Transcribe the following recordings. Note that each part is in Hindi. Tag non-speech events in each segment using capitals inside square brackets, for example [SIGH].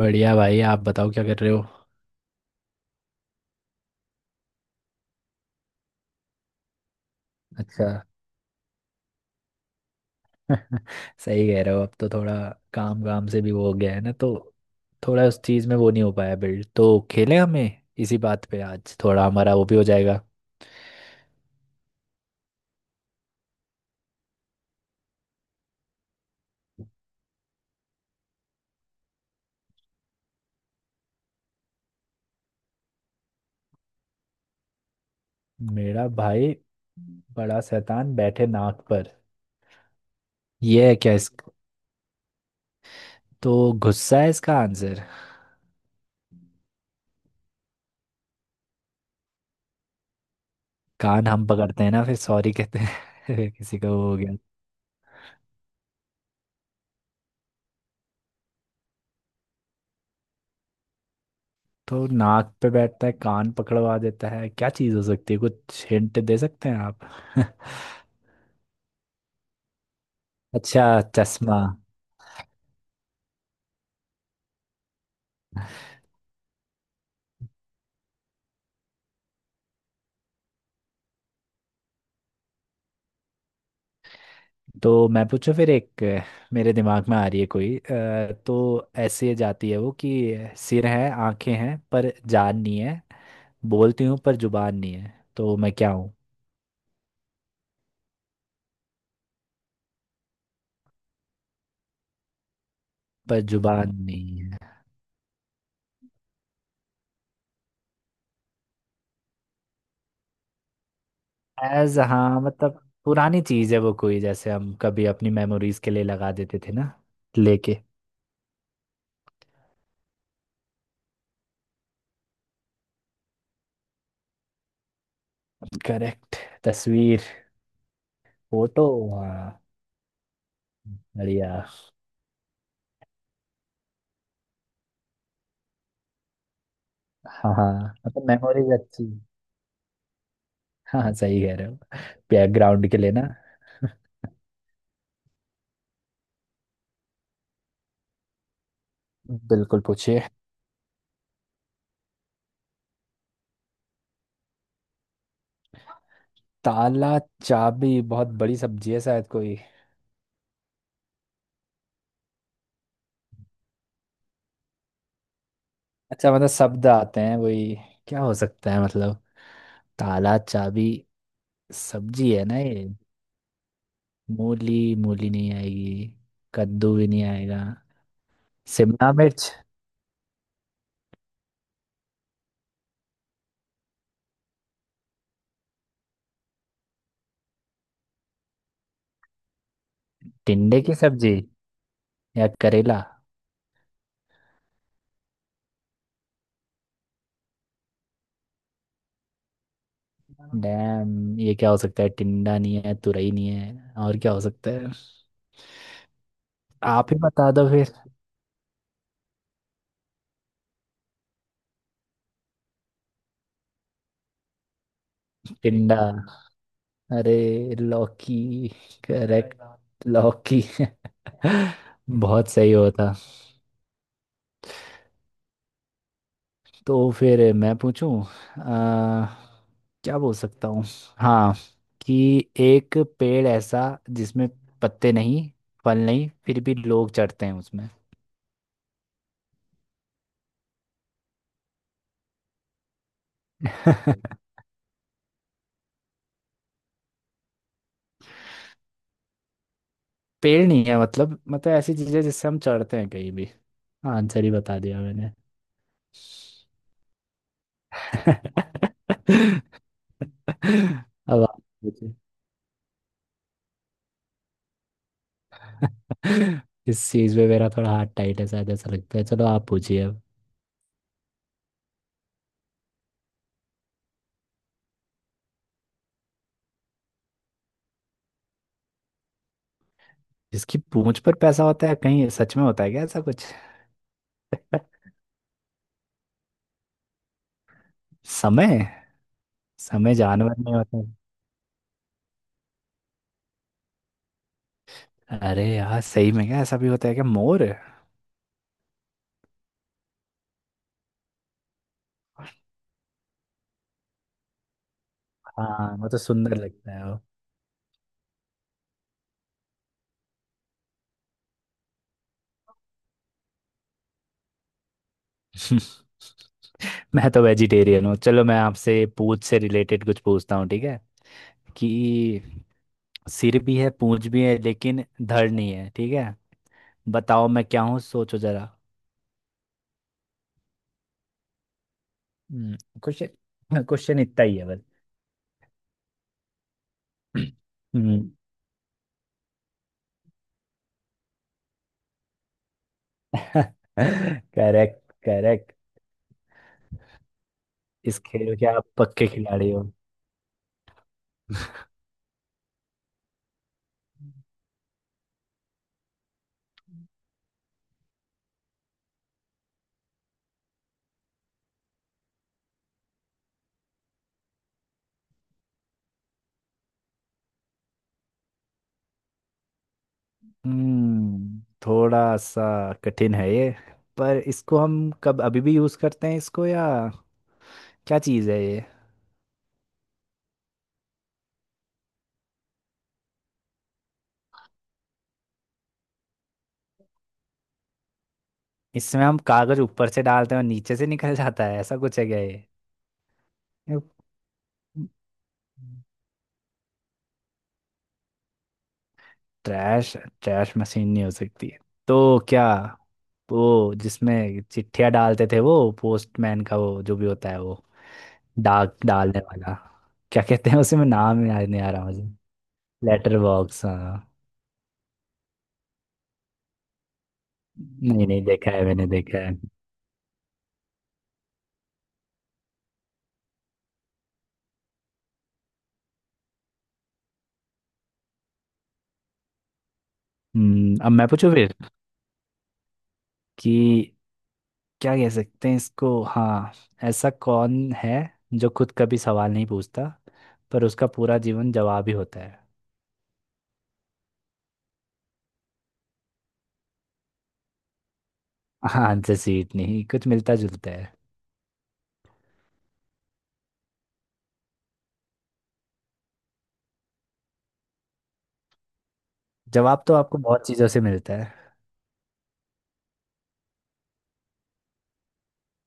बढ़िया भाई। आप बताओ क्या कर रहे हो? अच्छा। [LAUGHS] सही कह रहे हो। अब तो थोड़ा काम काम से भी वो हो गया है ना, तो थोड़ा उस चीज़ में वो नहीं हो पाया। बिल्ड तो खेलें हमें, इसी बात पे आज थोड़ा हमारा वो भी हो जाएगा। मेरा भाई बड़ा शैतान, बैठे नाक पर। ये है क्या? इस तो गुस्सा है इसका आंसर। कान हम पकड़ते हैं ना फिर सॉरी कहते हैं। [LAUGHS] किसी का वो हो। तो नाक पे बैठता है, कान पकड़वा देता है, क्या चीज हो सकती है? कुछ हिंट दे सकते हैं आप? [LAUGHS] अच्छा, चश्मा। तो मैं पूछूं फिर एक मेरे दिमाग में आ रही है कोई। तो ऐसे जाती है वो कि सिर है, आंखें हैं पर जान नहीं है, बोलती हूँ पर जुबान नहीं है, तो मैं क्या हूँ? पर जुबान नहीं है। एज हाँ, मतलब पुरानी चीज है वो, कोई जैसे हम कभी अपनी मेमोरीज के लिए लगा देते थे ना, लेके। करेक्ट। तस्वीर। फोटो। हाँ। बढ़िया। हाँ हाँ, मतलब मेमोरीज अच्छी। हाँ हाँ, सही कह रहे हो। बैकग्राउंड के लिए ना। बिल्कुल, पूछिए। ताला चाबी बहुत बड़ी सब्जी है शायद कोई। अच्छा, मतलब शब्द आते हैं वही। क्या हो सकता है, मतलब? ताला चाबी। सब्जी है ना ये? मूली मूली नहीं आएगी। कद्दू भी नहीं आएगा। शिमला मिर्च। टिंडे की सब्जी, या करेला। डैम, ये क्या हो सकता है? टिंडा नहीं है, तुरई नहीं है, और क्या हो सकता है? आप ही बता दो फिर। टिंडा। अरे लौकी। करेक्ट। लौकी। बहुत सही होता। तो फिर मैं पूछूं आ, क्या बोल सकता हूँ। हाँ, कि एक पेड़ ऐसा जिसमें पत्ते नहीं, फल नहीं, फिर भी लोग चढ़ते हैं उसमें। [LAUGHS] पेड़ नहीं है, मतलब ऐसी चीजें जिससे हम चढ़ते हैं कहीं भी। आंसर ही बता दिया मैंने। [LAUGHS] अब आप पूछिए। [LAUGHS] इस चीज में मेरा थोड़ा हाथ टाइट है शायद, ऐसा लगता है। चलो आप पूछिए अब। जिसकी पूंछ पर पैसा होता है, कहीं सच में होता है क्या ऐसा कुछ? समय। समय जानवर में होता है। अरे यार सही में क्या ऐसा भी होता है क्या? मोर? हाँ, वो तो सुंदर लगता है वो। [LAUGHS] मैं तो वेजिटेरियन हूँ। चलो, मैं आपसे पूंछ से रिलेटेड कुछ पूछता हूँ, ठीक है? कि सिर भी है, पूंछ भी है, लेकिन धड़ नहीं है, ठीक है? बताओ मैं क्या हूँ, सोचो जरा। हम्म, क्वेश्चन क्वेश्चन इतना ही है बस। हम्म। [LAUGHS] Correct correct. इस खेल के आप पक्के खिलाड़ी हो। हम्म थोड़ा सा कठिन है ये। पर इसको हम कब अभी भी यूज करते हैं इसको, या क्या चीज है ये? इसमें हम कागज ऊपर से डालते हैं और नीचे से निकल जाता है, ऐसा कुछ है क्या ये? ट्रैश। ट्रैश मशीन नहीं हो सकती है? तो क्या, वो जिसमें चिट्ठियां डालते थे वो, पोस्टमैन का वो जो भी होता है वो, डाक डालने वाला, क्या कहते हैं उसे, मैं नाम याद नहीं आ रहा मुझे। लेटर बॉक्स, हाँ। नहीं नहीं, देखा है मैंने, देखा है। अब मैं पूछूं फिर कि क्या कह सकते हैं इसको, हाँ। ऐसा कौन है जो खुद कभी सवाल नहीं पूछता, पर उसका पूरा जीवन जवाब ही होता है? हाँ, आंसर सीट नहीं, कुछ मिलता जुलता है। जवाब तो आपको बहुत चीज़ों से मिलता है।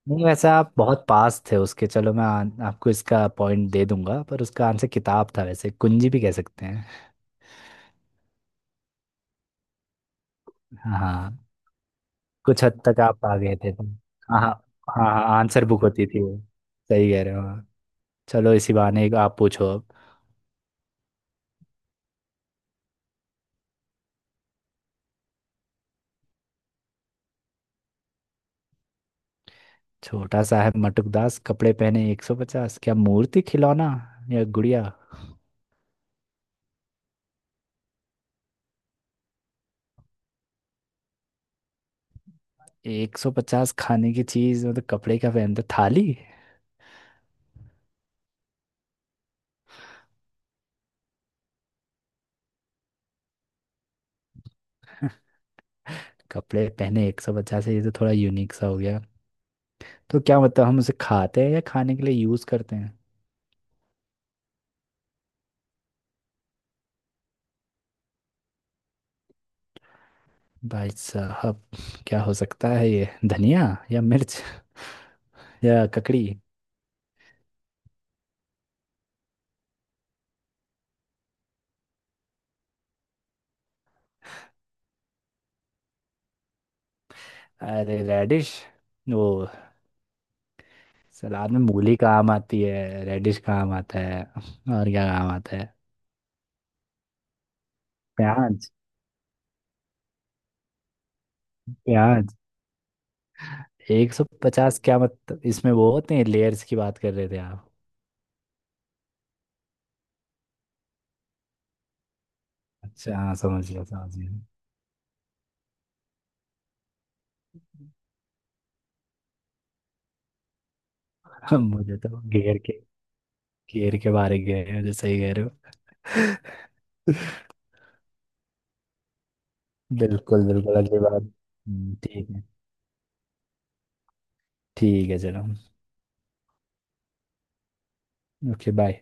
नहीं, वैसे आप बहुत पास थे उसके। चलो, मैं आपको इसका पॉइंट दे दूंगा, पर उसका आंसर किताब था, वैसे कुंजी भी कह सकते हैं। हाँ। कुछ हद तक आप आ गए थे तुम। हाँ हाँ। हाँ हाँ, आंसर बुक होती थी वो। सही कह रहे हो, हाँ। चलो, इसी बहाने एक आप पूछो अब। छोटा सा है मटुकदास कपड़े पहने 150, क्या मूर्ति, खिलौना, या गुड़िया? 150 खाने की चीज, मतलब कपड़े क्या पहनते, थाली? कपड़े पहने 150 है, ये तो थोड़ा यूनिक सा हो गया। तो क्या मतलब हम उसे खाते हैं, या खाने के लिए यूज करते हैं? भाई साहब, क्या हो सकता है ये, धनिया? या मिर्च? या ककड़ी? अरे रेडिश, वो। सलाद में मूली काम आती है, रेडिश काम आता है, और क्या काम आता है? प्याज। प्याज 150, क्या मतलब इसमें वो होते हैं, लेयर्स की बात कर रहे थे आप? अच्छा हाँ, समझ गया समझ गया। [LAUGHS] मुझे तो घेर के, घेर के बारे गए हैं मुझे, सही कह रहे हो। [LAUGHS] बिल्कुल बिल्कुल, अगली बार ठीक है। ठीक है चलो। Okay, bye.